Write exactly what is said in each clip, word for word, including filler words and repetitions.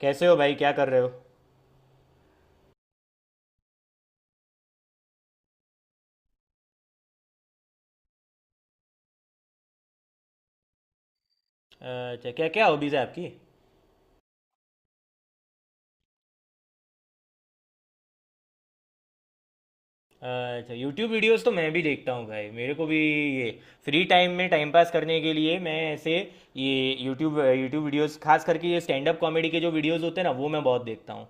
कैसे हो भाई? क्या कर रहे हो? अच्छा, क्या क्या हॉबीज़ है आपकी? अच्छा, यूट्यूब वीडियोस तो मैं भी देखता हूँ भाई। मेरे को भी ये फ्री टाइम में टाइम पास करने के लिए मैं ऐसे ये यूट्यूब यूट्यूब वीडियोस, खास करके ये स्टैंड अप कॉमेडी के जो वीडियोस होते हैं ना, वो मैं बहुत देखता हूँ।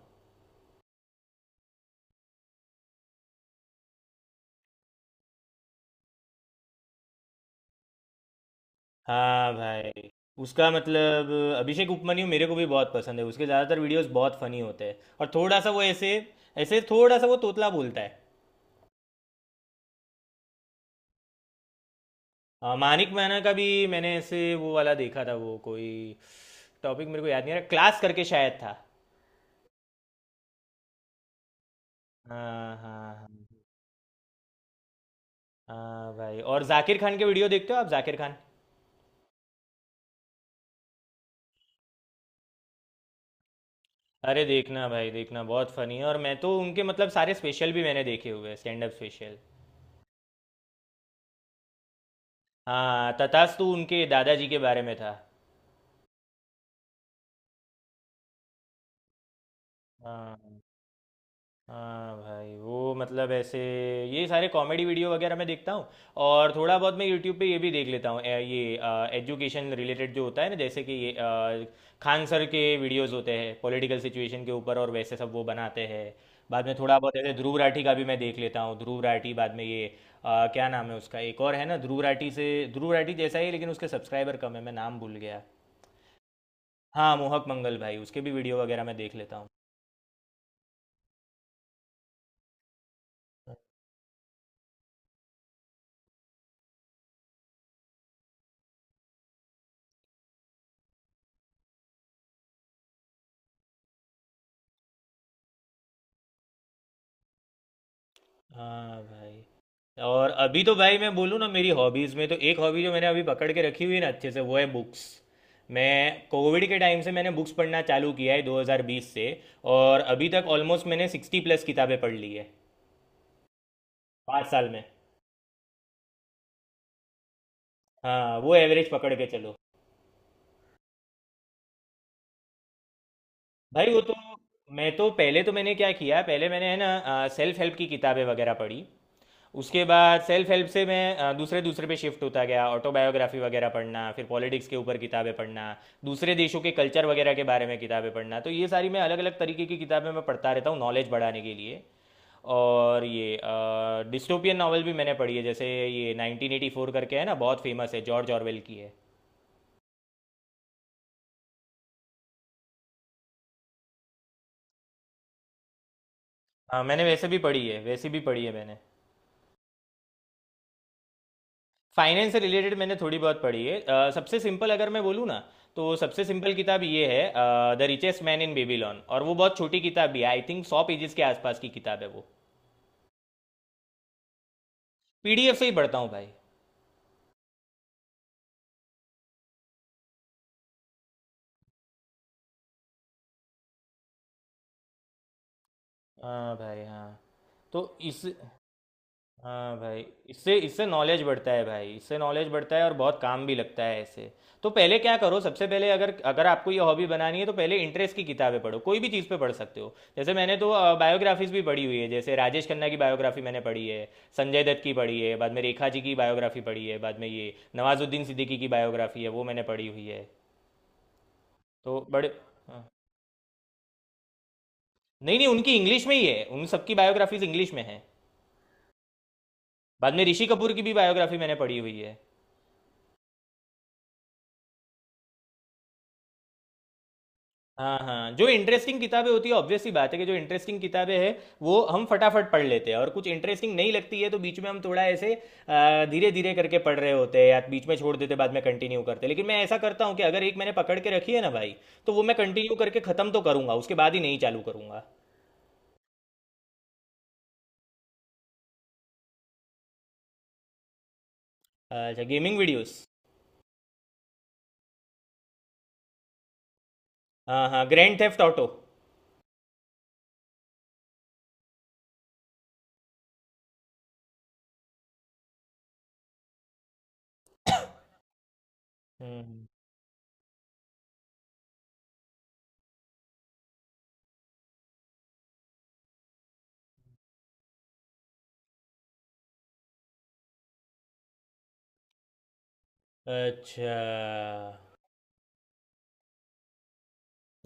हाँ भाई। उसका मतलब। अभिषेक उपमन्यु मेरे को भी बहुत पसंद है, उसके ज़्यादातर वीडियोस बहुत फनी होते हैं। और थोड़ा सा वो ऐसे, ऐसे थोड़ा सा वो तोतला बोलता है। हाँ, मानिक मैना का भी मैंने ऐसे वो वाला देखा था, वो कोई टॉपिक मेरे को याद नहीं आ रहा, क्लास करके शायद था। हाँ, हाँ, हाँ। हाँ भाई, और जाकिर खान के वीडियो देखते हो आप? जाकिर खान। अरे, देखना भाई, देखना, बहुत फनी है। और मैं तो उनके मतलब सारे स्पेशल भी मैंने देखे हुए हैं, स्टैंड अप स्पेशल। हाँ, तथास्तु उनके दादाजी के बारे में था। हाँ, हाँ भाई, वो मतलब ऐसे, ये सारे कॉमेडी वीडियो वगैरह मैं देखता हूँ। और थोड़ा बहुत मैं यूट्यूब पे ये भी देख लेता हूँ, ए- ये एजुकेशन रिलेटेड जो होता है ना, जैसे कि ये अ, खान सर के वीडियोस होते हैं पॉलिटिकल सिचुएशन के ऊपर, और वैसे सब वो बनाते हैं। बाद में थोड़ा बहुत ऐसे ध्रुव राठी का भी मैं देख लेता हूँ, ध्रुव राठी, बाद में ये अ, क्या नाम है उसका, एक और है ना ध्रुव राठी से, ध्रुव राठी जैसा ही है, लेकिन उसके सब्सक्राइबर कम है, मैं नाम भूल गया। हाँ, मोहक मंगल भाई, उसके भी वीडियो वगैरह मैं देख लेता हूँ। हाँ भाई, और अभी तो भाई मैं बोलूँ ना, मेरी हॉबीज़ में तो एक हॉबी जो मैंने अभी पकड़ के रखी हुई है ना अच्छे से, वो है बुक्स। मैं कोविड के टाइम से मैंने बुक्स पढ़ना चालू किया है दो हज़ार बीस से। और अभी तक ऑलमोस्ट मैंने सिक्स्टी प्लस किताबें पढ़ ली है पाँच साल में। हाँ, वो एवरेज पकड़ के चलो। भाई वो तो, मैं तो पहले तो मैंने क्या किया, पहले मैंने है ना सेल्फ हेल्प की किताबें वगैरह पढ़ी। उसके बाद सेल्फ हेल्प से मैं अ, दूसरे दूसरे पे शिफ्ट होता गया, ऑटोबायोग्राफी वगैरह पढ़ना, फिर पॉलिटिक्स के ऊपर किताबें पढ़ना, दूसरे देशों के कल्चर वगैरह के बारे में किताबें पढ़ना। तो ये सारी मैं अलग अलग तरीके की किताबें मैं पढ़ता रहता हूँ नॉलेज बढ़ाने के लिए। और ये डिस्टोपियन नॉवल भी मैंने पढ़ी है, जैसे ये नाइन्टीन एटी फोर करके है ना, बहुत फेमस है, जॉर्ज ऑरवेल की है। अ, मैंने वैसे भी पढ़ी है, वैसी भी पढ़ी है मैंने। फाइनेंस से रिलेटेड मैंने थोड़ी बहुत पढ़ी है, अ, सबसे सिंपल अगर मैं बोलूँ ना, तो सबसे सिंपल किताब ये है the richest man in Babylon, और वो बहुत छोटी किताब भी है, आई थिंक सौ पेजेस के आसपास की किताब है वो। पीडीएफ से ही पढ़ता हूँ भाई। हाँ भाई, हाँ, तो इस। हाँ भाई, इससे इससे नॉलेज बढ़ता है भाई, इससे नॉलेज बढ़ता है, और बहुत काम भी लगता है ऐसे। तो पहले क्या करो, सबसे पहले अगर अगर आपको ये हॉबी बनानी है तो पहले इंटरेस्ट की किताबें पढ़ो, कोई भी चीज़ पे पढ़ सकते हो। जैसे मैंने तो बायोग्राफीज भी पढ़ी हुई है, जैसे राजेश खन्ना की बायोग्राफी मैंने पढ़ी है। संजय दत्त की पढ़ी है, बाद में रेखा जी की बायोग्राफी पढ़ी है, बाद में ये नवाजुद्दीन सिद्दीकी की बायोग्राफी है वो मैंने पढ़ी हुई है। तो बड़े। हाँ। नहीं, नहीं, उनकी इंग्लिश में ही है, उन सबकी बायोग्राफीज इंग्लिश में है। बाद में ऋषि कपूर की भी बायोग्राफी मैंने पढ़ी हुई है। हाँ, हाँ, जो इंटरेस्टिंग किताबें होती है, ऑब्वियस सी बात है कि जो इंटरेस्टिंग किताबें हैं वो हम फटाफट पढ़ लेते हैं, और कुछ इंटरेस्टिंग नहीं लगती है तो बीच में हम थोड़ा ऐसे धीरे धीरे करके पढ़ रहे होते हैं या बीच में छोड़ देते हैं, बाद में कंटिन्यू करते हैं। लेकिन मैं ऐसा करता हूँ कि अगर एक मैंने पकड़ के रखी है ना भाई, तो वो मैं कंटिन्यू करके ख़त्म तो करूँगा, उसके बाद ही नहीं चालू करूँगा। अच्छा, गेमिंग वीडियोस। हाँ, हाँ, ग्रैंड थेफ्ट ऑटो। हम्म। अच्छा।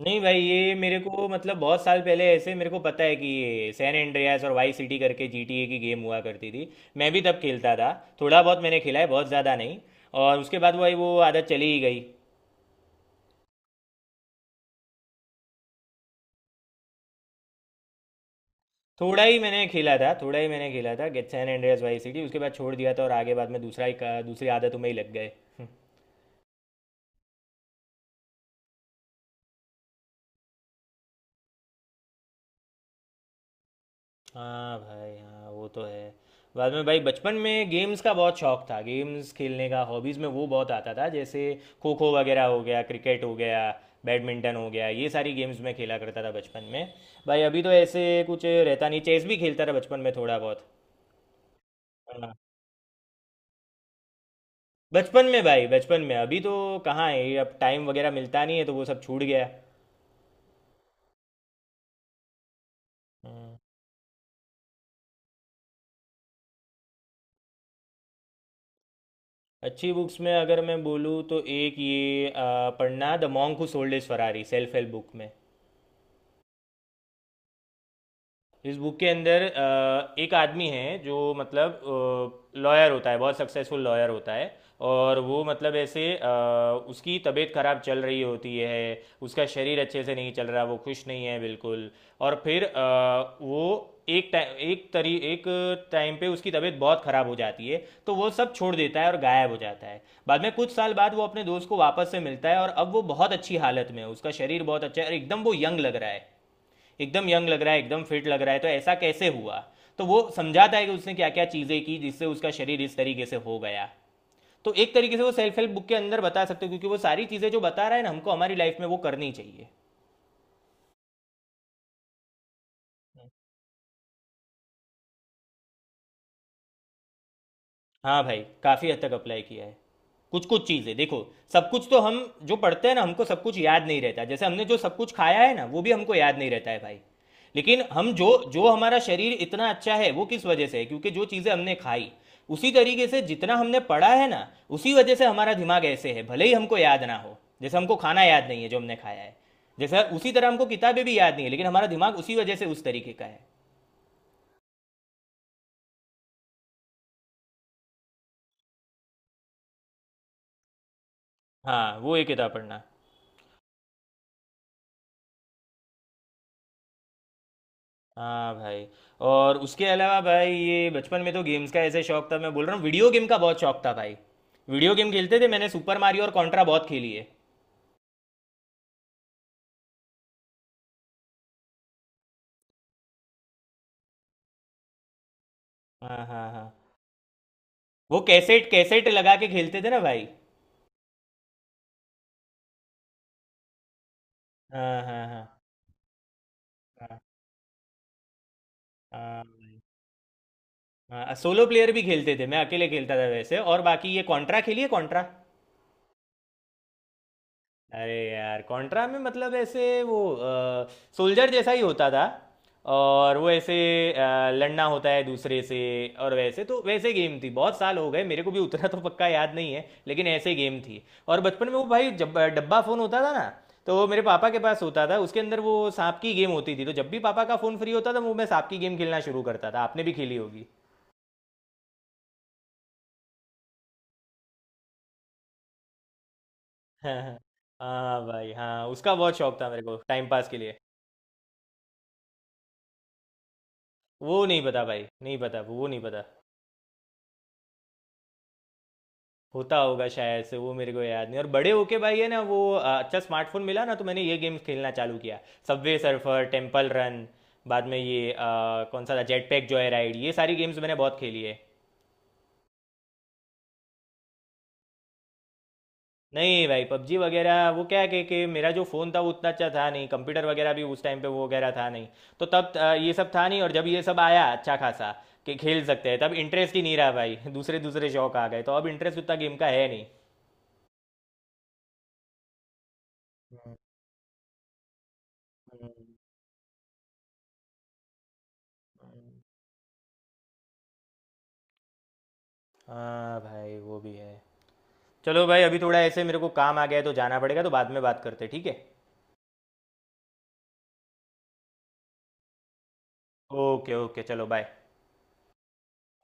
नहीं भाई, ये मेरे को मतलब बहुत साल पहले ऐसे मेरे को पता है कि ये सैन एंड्रियास और वाई सिटी करके जी टी ए की गेम हुआ करती थी। मैं भी तब खेलता था, थोड़ा बहुत मैंने खेला है, बहुत ज़्यादा नहीं। और उसके बाद भाई वो आदत चली ही गई। थोड़ा ही मैंने खेला था, थोड़ा ही मैंने खेला था, गेट सैन एंड्रियास वाई सिटी, उसके बाद छोड़ दिया था। और आगे बाद में दूसरा ही का- दूसरी आदतों में ही लग गए। हाँ भाई, हाँ, वो तो है। बाद में भाई, बचपन में गेम्स का बहुत शौक था, गेम्स खेलने का, हॉबीज़ में वो बहुत आता था, जैसे खो खो वगैरह हो गया, क्रिकेट हो गया, बैडमिंटन हो गया, ये सारी गेम्स में खेला करता था बचपन में। भाई अभी तो ऐसे कुछ रहता नहीं, चेस भी खेलता था बचपन में थोड़ा बहुत। हाँ। बचपन में भाई, बचपन में, अभी तो कहाँ है ये, अब टाइम वगैरह मिलता नहीं है तो वो सब छूट गया। हम्म। अच्छी बुक्स में अगर मैं बोलूँ तो एक ये आ, पढ़ना, the monk who sold his Ferrari, self help book में। इस बुक के अंदर अ, एक आदमी है जो मतलब लॉयर होता है, बहुत सक्सेसफुल लॉयर होता है। और वो मतलब ऐसे, अ, उसकी तबीयत खराब चल रही होती है, उसका शरीर अच्छे से नहीं चल रहा, वो खुश नहीं है बिल्कुल। और फिर अ, वो एक टाइम एक तरी एक टाइम पे उसकी तबीयत बहुत खराब हो जाती है, तो वो सब छोड़ देता है और गायब हो जाता है। बाद में कुछ साल बाद वो अपने दोस्त को वापस से मिलता है, और अब वो बहुत अच्छी हालत में है, उसका शरीर बहुत अच्छा है, और एकदम वो यंग लग रहा है। एकदम यंग लग रहा है, एकदम फिट लग रहा है, तो ऐसा कैसे हुआ? तो वो समझाता है कि उसने क्या क्या चीज़ें की जिससे उसका शरीर इस तरीके से हो गया। तो एक तरीके से वो सेल्फ हेल्प बुक के अंदर बता सकते हो, क्योंकि वो सारी चीज़ें जो बता रहा है ना, हमको हमारी लाइफ में वो करनी चाहिए। हाँ भाई। काफ़ी हद तक अप्लाई किया है। कुछ कुछ चीज़ें देखो। सब कुछ तो हम जो पढ़ते हैं ना, हमको सब कुछ याद नहीं रहता, जैसे हमने जो सब कुछ खाया है ना वो भी हमको याद नहीं रहता है भाई। लेकिन हम जो, जो हमारा शरीर इतना अच्छा है वो किस वजह से है, क्योंकि जो चीज़ें हमने खाई, उसी तरीके से जितना हमने पढ़ा है ना, उसी वजह से हमारा दिमाग ऐसे है, भले ही हमको याद ना हो, जैसे हमको खाना याद नहीं है जो हमने खाया है। जैसे उसी तरह हमको किताबें भी याद नहीं है, लेकिन हमारा दिमाग उसी वजह से उस तरीके का है। हाँ, वो एक किताब पढ़ना। हाँ भाई, और उसके अलावा भाई, ये बचपन में तो गेम्स का ऐसे शौक था, मैं बोल रहा हूँ वीडियो गेम का बहुत शौक था भाई। वीडियो गेम खेलते थे, मैंने सुपर मारियो और कॉन्ट्रा बहुत खेली है। हाँ, हाँ, हाँ। वो कैसेट कैसेट लगा के खेलते थे ना भाई? हाँ, हाँ, हाँ, हाँ। हाँ भाई। हाँ, सोलो प्लेयर भी खेलते थे, मैं अकेले खेलता था वैसे, और बाकी ये कॉन्ट्रा खेलिए, कॉन्ट्रा। अरे यार, कॉन्ट्रा में मतलब ऐसे वो सोल्जर जैसा ही होता था, और वो ऐसे अ, लड़ना होता है दूसरे से। और वैसे तो वैसे गेम थी, बहुत साल हो गए, मेरे को भी उतना तो पक्का याद नहीं है, लेकिन ऐसे गेम थी। और बचपन में वो भाई, जब डब्बा फ़ोन होता था ना, तो वो मेरे पापा के पास होता था, उसके अंदर वो सांप की गेम होती थी, तो जब भी पापा का फ़ोन फ्री होता था, वो मैं सांप की गेम खेलना शुरू करता था, आपने भी खेली होगी। हाँ, हाँ भाई, हाँ, उसका बहुत शौक था मेरे को टाइम पास के लिए। वो नहीं पता भाई, नहीं पता, वो नहीं पता। होता होगा शायद से, वो मेरे को याद नहीं। और बड़े होके भाई है ना, वो अ, अच्छा स्मार्टफोन मिला ना, तो मैंने ये गेम्स खेलना चालू किया, सबवे सर्फर, टेम्पल रन। बाद में ये अ, कौन सा था, जेट पैक जॉय राइड, ये सारी गेम्स मैंने बहुत खेली है। नहीं भाई, पबजी वगैरह वो क्या है कि, कि मेरा जो फ़ोन था वो उतना अच्छा था नहीं, कंप्यूटर वगैरह भी उस टाइम पे वो वगैरह था नहीं। तो तब अ, ये सब था नहीं, और जब ये सब आया अच्छा खासा कि खेल सकते हैं, तब इंटरेस्ट ही नहीं रहा भाई। दूसरे दूसरे शौक आ गए, तो अब इंटरेस्ट उतना गेम का है नहीं। हम्म, हम्म, हम्म। हाँ भाई, वो भी है। चलो भाई, अभी थोड़ा ऐसे मेरे को काम आ गया है तो जाना पड़ेगा, तो बाद में बात करते हैं, ठीक है? ओके, ओके, चलो, बाय।